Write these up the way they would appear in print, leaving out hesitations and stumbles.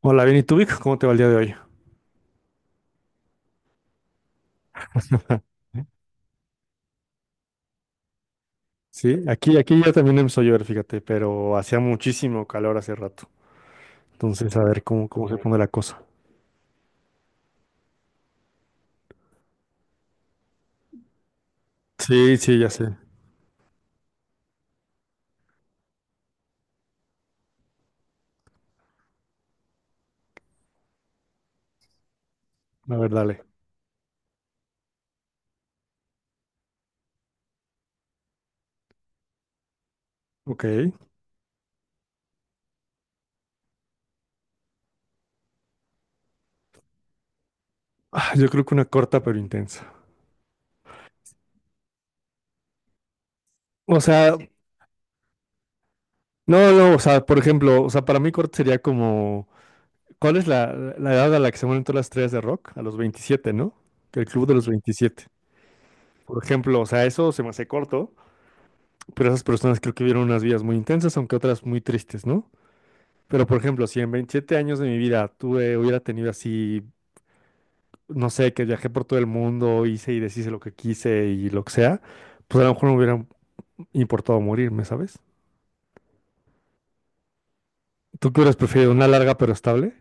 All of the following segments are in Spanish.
Hola, bien, ¿y tú, Vic? ¿Cómo te va el día de hoy? Sí, aquí ya también empezó a llover, fíjate, pero hacía muchísimo calor hace rato. Entonces, a ver cómo, cómo se pone la cosa. Sí, sí, ya sé. A ver, dale. Ok. Ah, yo creo que una corta pero intensa. O sea, no, no, o sea, por ejemplo, o sea, para mí corta sería como, ¿cuál es la edad a la que se mueren todas las estrellas de rock? A los 27, ¿no? Que El club de los 27. Por ejemplo, o sea, eso se me hace corto, pero esas personas creo que vieron unas vidas muy intensas, aunque otras muy tristes, ¿no? Pero, por ejemplo, si en 27 años de mi vida tuve, hubiera tenido así, no sé, que viajé por todo el mundo, hice y deshice lo que quise y lo que sea, pues a lo mejor no me hubiera importado morirme, ¿sabes? ¿Tú qué hubieras preferido? ¿Una larga pero estable?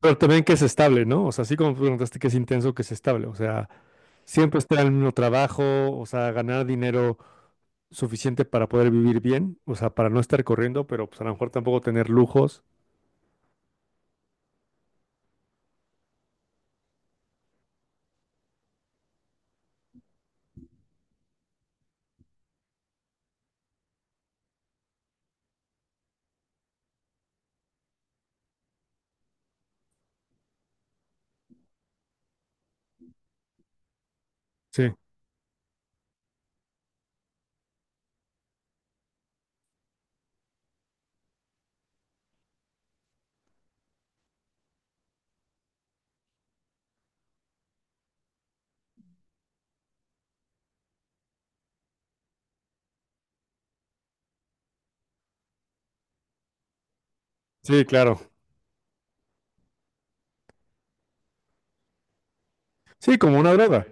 Pero también que es estable, ¿no? O sea, así como tú preguntaste que es intenso, que es estable. O sea, siempre estar en el mismo trabajo, o sea, ganar dinero suficiente para poder vivir bien, o sea, para no estar corriendo, pero pues a lo mejor tampoco tener lujos. Sí, sí, claro. Sí, como una droga.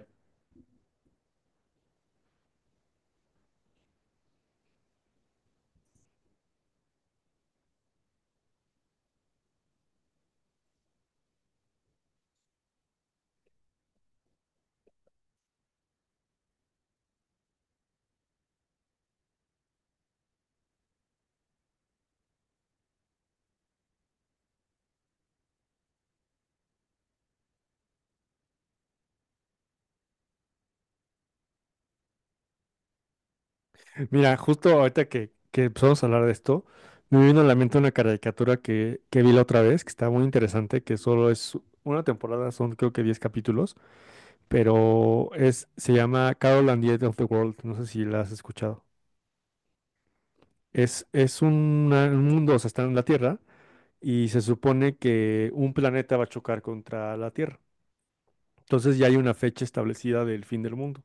Mira, justo ahorita que empezamos a hablar de esto, me vino a la mente una caricatura que vi la otra vez, que está muy interesante, que solo es una temporada, son creo que 10 capítulos, pero es, se llama Carol and the End of the World, no sé si la has escuchado. Es una un mundo, o sea, está en la Tierra y se supone que un planeta va a chocar contra la Tierra. Entonces ya hay una fecha establecida del fin del mundo.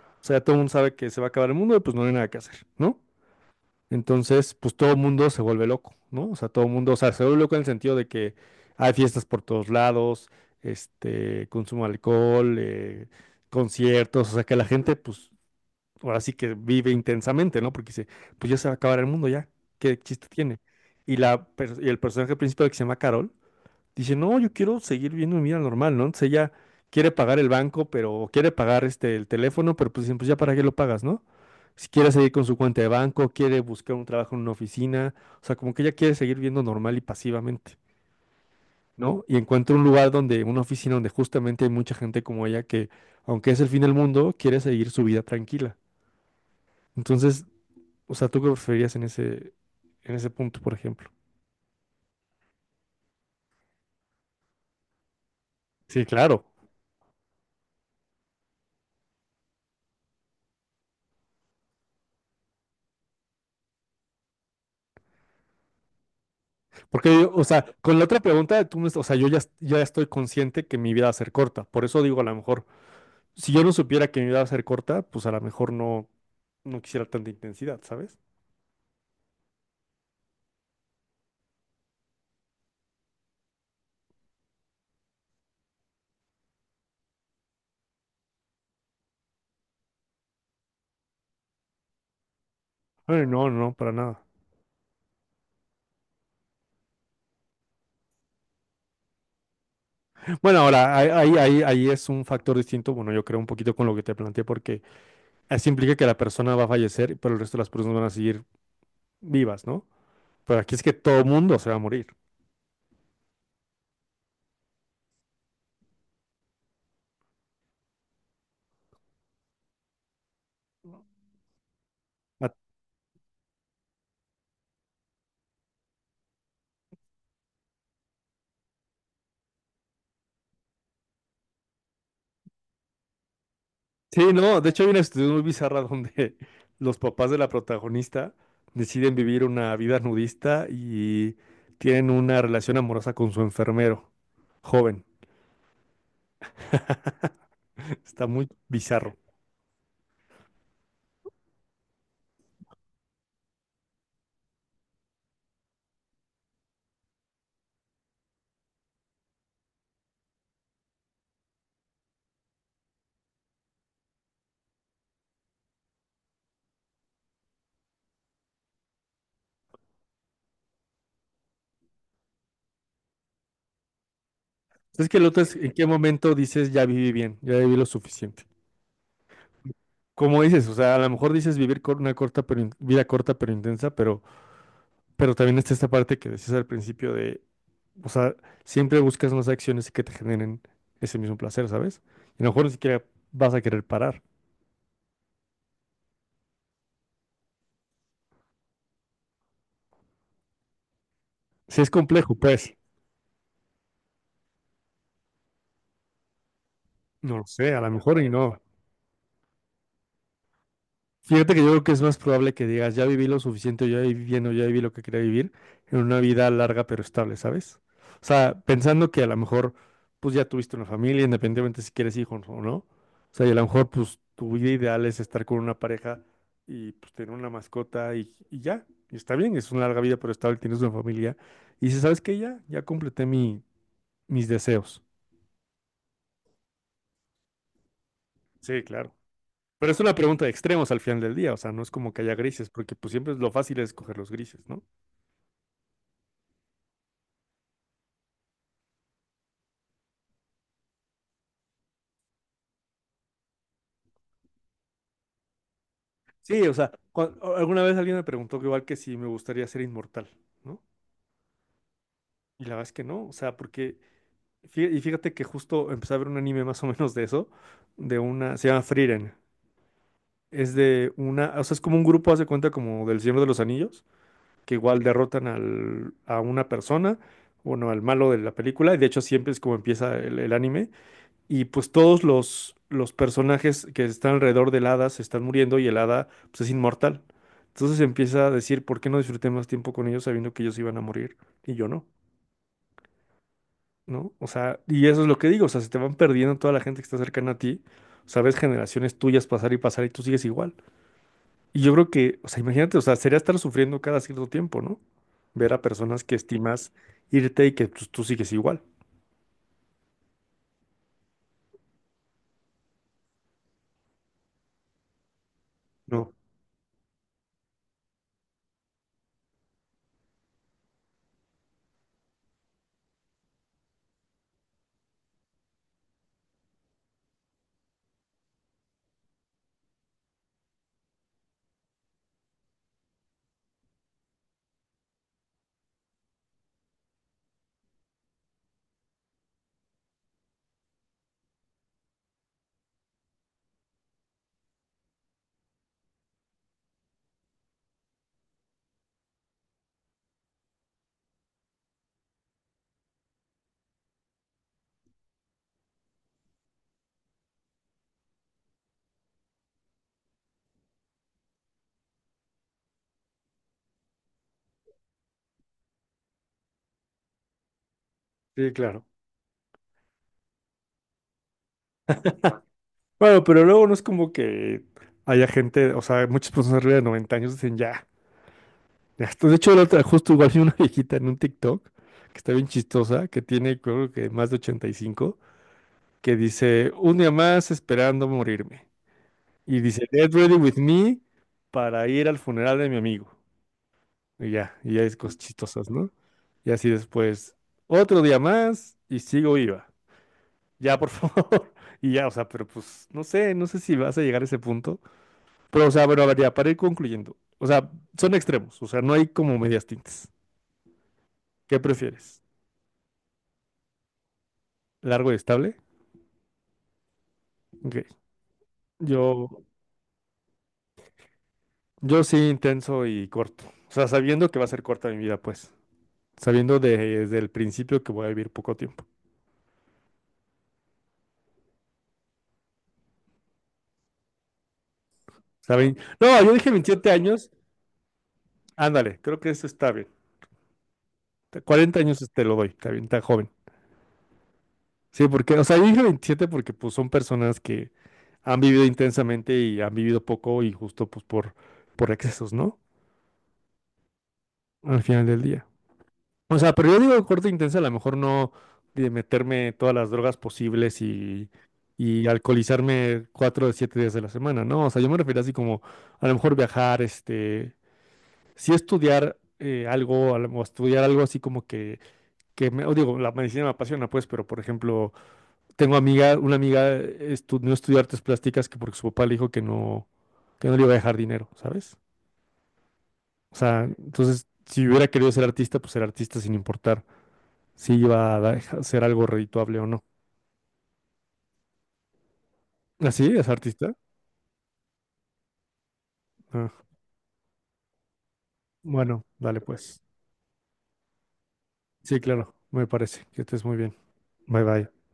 O sea, ya todo el mundo sabe que se va a acabar el mundo y pues no hay nada que hacer, ¿no? Entonces, pues todo el mundo se vuelve loco, ¿no? O sea, todo el mundo, o sea, se vuelve loco en el sentido de que hay fiestas por todos lados, este, consumo de alcohol, conciertos, o sea, que la gente, pues, ahora sí que vive intensamente, ¿no? Porque dice, pues ya se va a acabar el mundo ya, ¿qué chiste tiene? Y, la, per- y el personaje principal que se llama Carol, dice, no, yo quiero seguir viendo mi vida normal, ¿no? Entonces ella quiere pagar el banco, pero o quiere pagar este, el teléfono, pero pues, dicen, pues ya para qué lo pagas, ¿no? Si quiere seguir con su cuenta de banco, quiere buscar un trabajo en una oficina, o sea, como que ella quiere seguir viendo normal y pasivamente, ¿no? Y encuentra un lugar donde, una oficina donde justamente hay mucha gente como ella que, aunque es el fin del mundo, quiere seguir su vida tranquila. Entonces, o sea, ¿tú qué preferirías en ese punto, por ejemplo? Sí, claro. Porque, o sea, con la otra pregunta, tú me- o sea, yo ya, ya estoy consciente que mi vida va a ser corta. Por eso digo, a lo mejor, si yo no supiera que mi vida va a ser corta, pues a lo mejor no, no quisiera tanta intensidad, ¿sabes? Ay, no, no, para nada. Bueno, ahora, ahí, ahí, ahí es un factor distinto. Bueno, yo creo un poquito con lo que te planteé, porque eso implica que la persona va a fallecer, pero el resto de las personas van a seguir vivas, ¿no? Pero aquí es que todo mundo se va a morir. Sí, no, de hecho hay una situación muy bizarra donde los papás de la protagonista deciden vivir una vida nudista y tienen una relación amorosa con su enfermero, joven. Está muy bizarro. Es que el otro es, ¿en qué momento dices ya viví bien, ya viví lo suficiente? Como dices, o sea, a lo mejor dices vivir con una corta pero in- vida corta pero intensa, pero también está esta parte que decías al principio de, o sea, siempre buscas más acciones que te generen ese mismo placer, ¿sabes? Y a lo mejor ni siquiera vas a querer parar. Sí, es complejo, pues. No lo sé, a lo mejor y no. Fíjate que yo creo que es más probable que digas, ya viví lo suficiente, ya viví bien o ya viví lo que quería vivir, en una vida larga pero estable, ¿sabes? O sea, pensando que a lo mejor, pues ya tuviste una familia, independientemente si quieres hijos o no. O sea, y a lo mejor, pues tu vida ideal es estar con una pareja y pues tener una mascota y ya. Y está bien, es una larga vida pero estable, tienes una familia. Y dices, ¿sabes qué? Ya, ya completé mi, mis deseos. Sí, claro. Pero es una pregunta de extremos al final del día, o sea, no es como que haya grises, porque pues siempre es lo fácil es escoger los grises, ¿no? Sí, o sea, cua- o- alguna vez alguien me preguntó que igual que si me gustaría ser inmortal, ¿no? Y la verdad es que no, o sea, porque, fí- y fíjate que justo empecé a ver un anime más o menos de eso, de una, se llama Frieren, es de una, o sea, es como un grupo, hace cuenta como del Señor de los Anillos, que igual derrotan al, a una persona, bueno, al malo de la película, y de hecho siempre es como empieza el anime. Y pues todos los personajes que están alrededor del hada se están muriendo y el hada pues, es inmortal. Entonces empieza a decir, ¿por qué no disfruté más tiempo con ellos sabiendo que ellos iban a morir y yo no? ¿No? O sea, y eso es lo que digo, o sea, se te van perdiendo toda la gente que está cercana a ti, o sea, ves generaciones tuyas pasar y pasar y tú sigues igual. Y yo creo que, o sea, imagínate, o sea, sería estar sufriendo cada cierto tiempo, ¿no? Ver a personas que estimas irte y que pues, tú sigues igual. No, sí, claro. Bueno, pero luego no es como que haya gente, o sea, muchas personas arriba de 90 años dicen ya, ya está. De hecho, la otra, justo igual vi una viejita en un TikTok que está bien chistosa, que tiene creo que más de 85 que dice, un día más esperando morirme. Y dice, get ready with me para ir al funeral de mi amigo. Y ya es cosas chistosas, ¿no? Y así después, otro día más y sigo viva. Ya, por favor. Y ya, o sea, pero pues no sé, no sé si vas a llegar a ese punto. Pero, o sea, bueno, a ver, ya, para ir concluyendo. O sea, son extremos, o sea, no hay como medias tintas. ¿Qué prefieres? ¿Largo y estable? Ok. Yo, yo sí intenso y corto. O sea, sabiendo que va a ser corta mi vida, pues. Sabiendo de- desde el principio que voy a vivir poco tiempo. ¿Saben? No, yo dije 27 años. Ándale, creo que eso está bien. Te- 40 años te lo doy, está bien, está joven. Sí, porque, o sea, yo dije 27 porque pues son personas que han vivido intensamente y han vivido poco y justo pues por excesos, ¿no? Al final del día. O sea, pero yo digo corte intensa, a lo mejor no de meterme todas las drogas posibles y alcoholizarme 4 de 7 días de la semana, ¿no? O sea, yo me refiero así como a lo mejor viajar, este, sí estudiar algo, a lo- o estudiar algo así como que me, o digo, la medicina me apasiona, pues, pero por ejemplo, tengo amiga, una amiga estudió no estudió artes plásticas que porque su papá le dijo que no le iba a dejar dinero, ¿sabes? O sea, entonces, si hubiera querido ser artista, pues ser artista sin importar si iba a da- ser algo redituable o no. Ah, ¿sí, es artista? Ah, bueno, dale pues. Sí, claro, me parece. Que estés muy bien. Bye bye.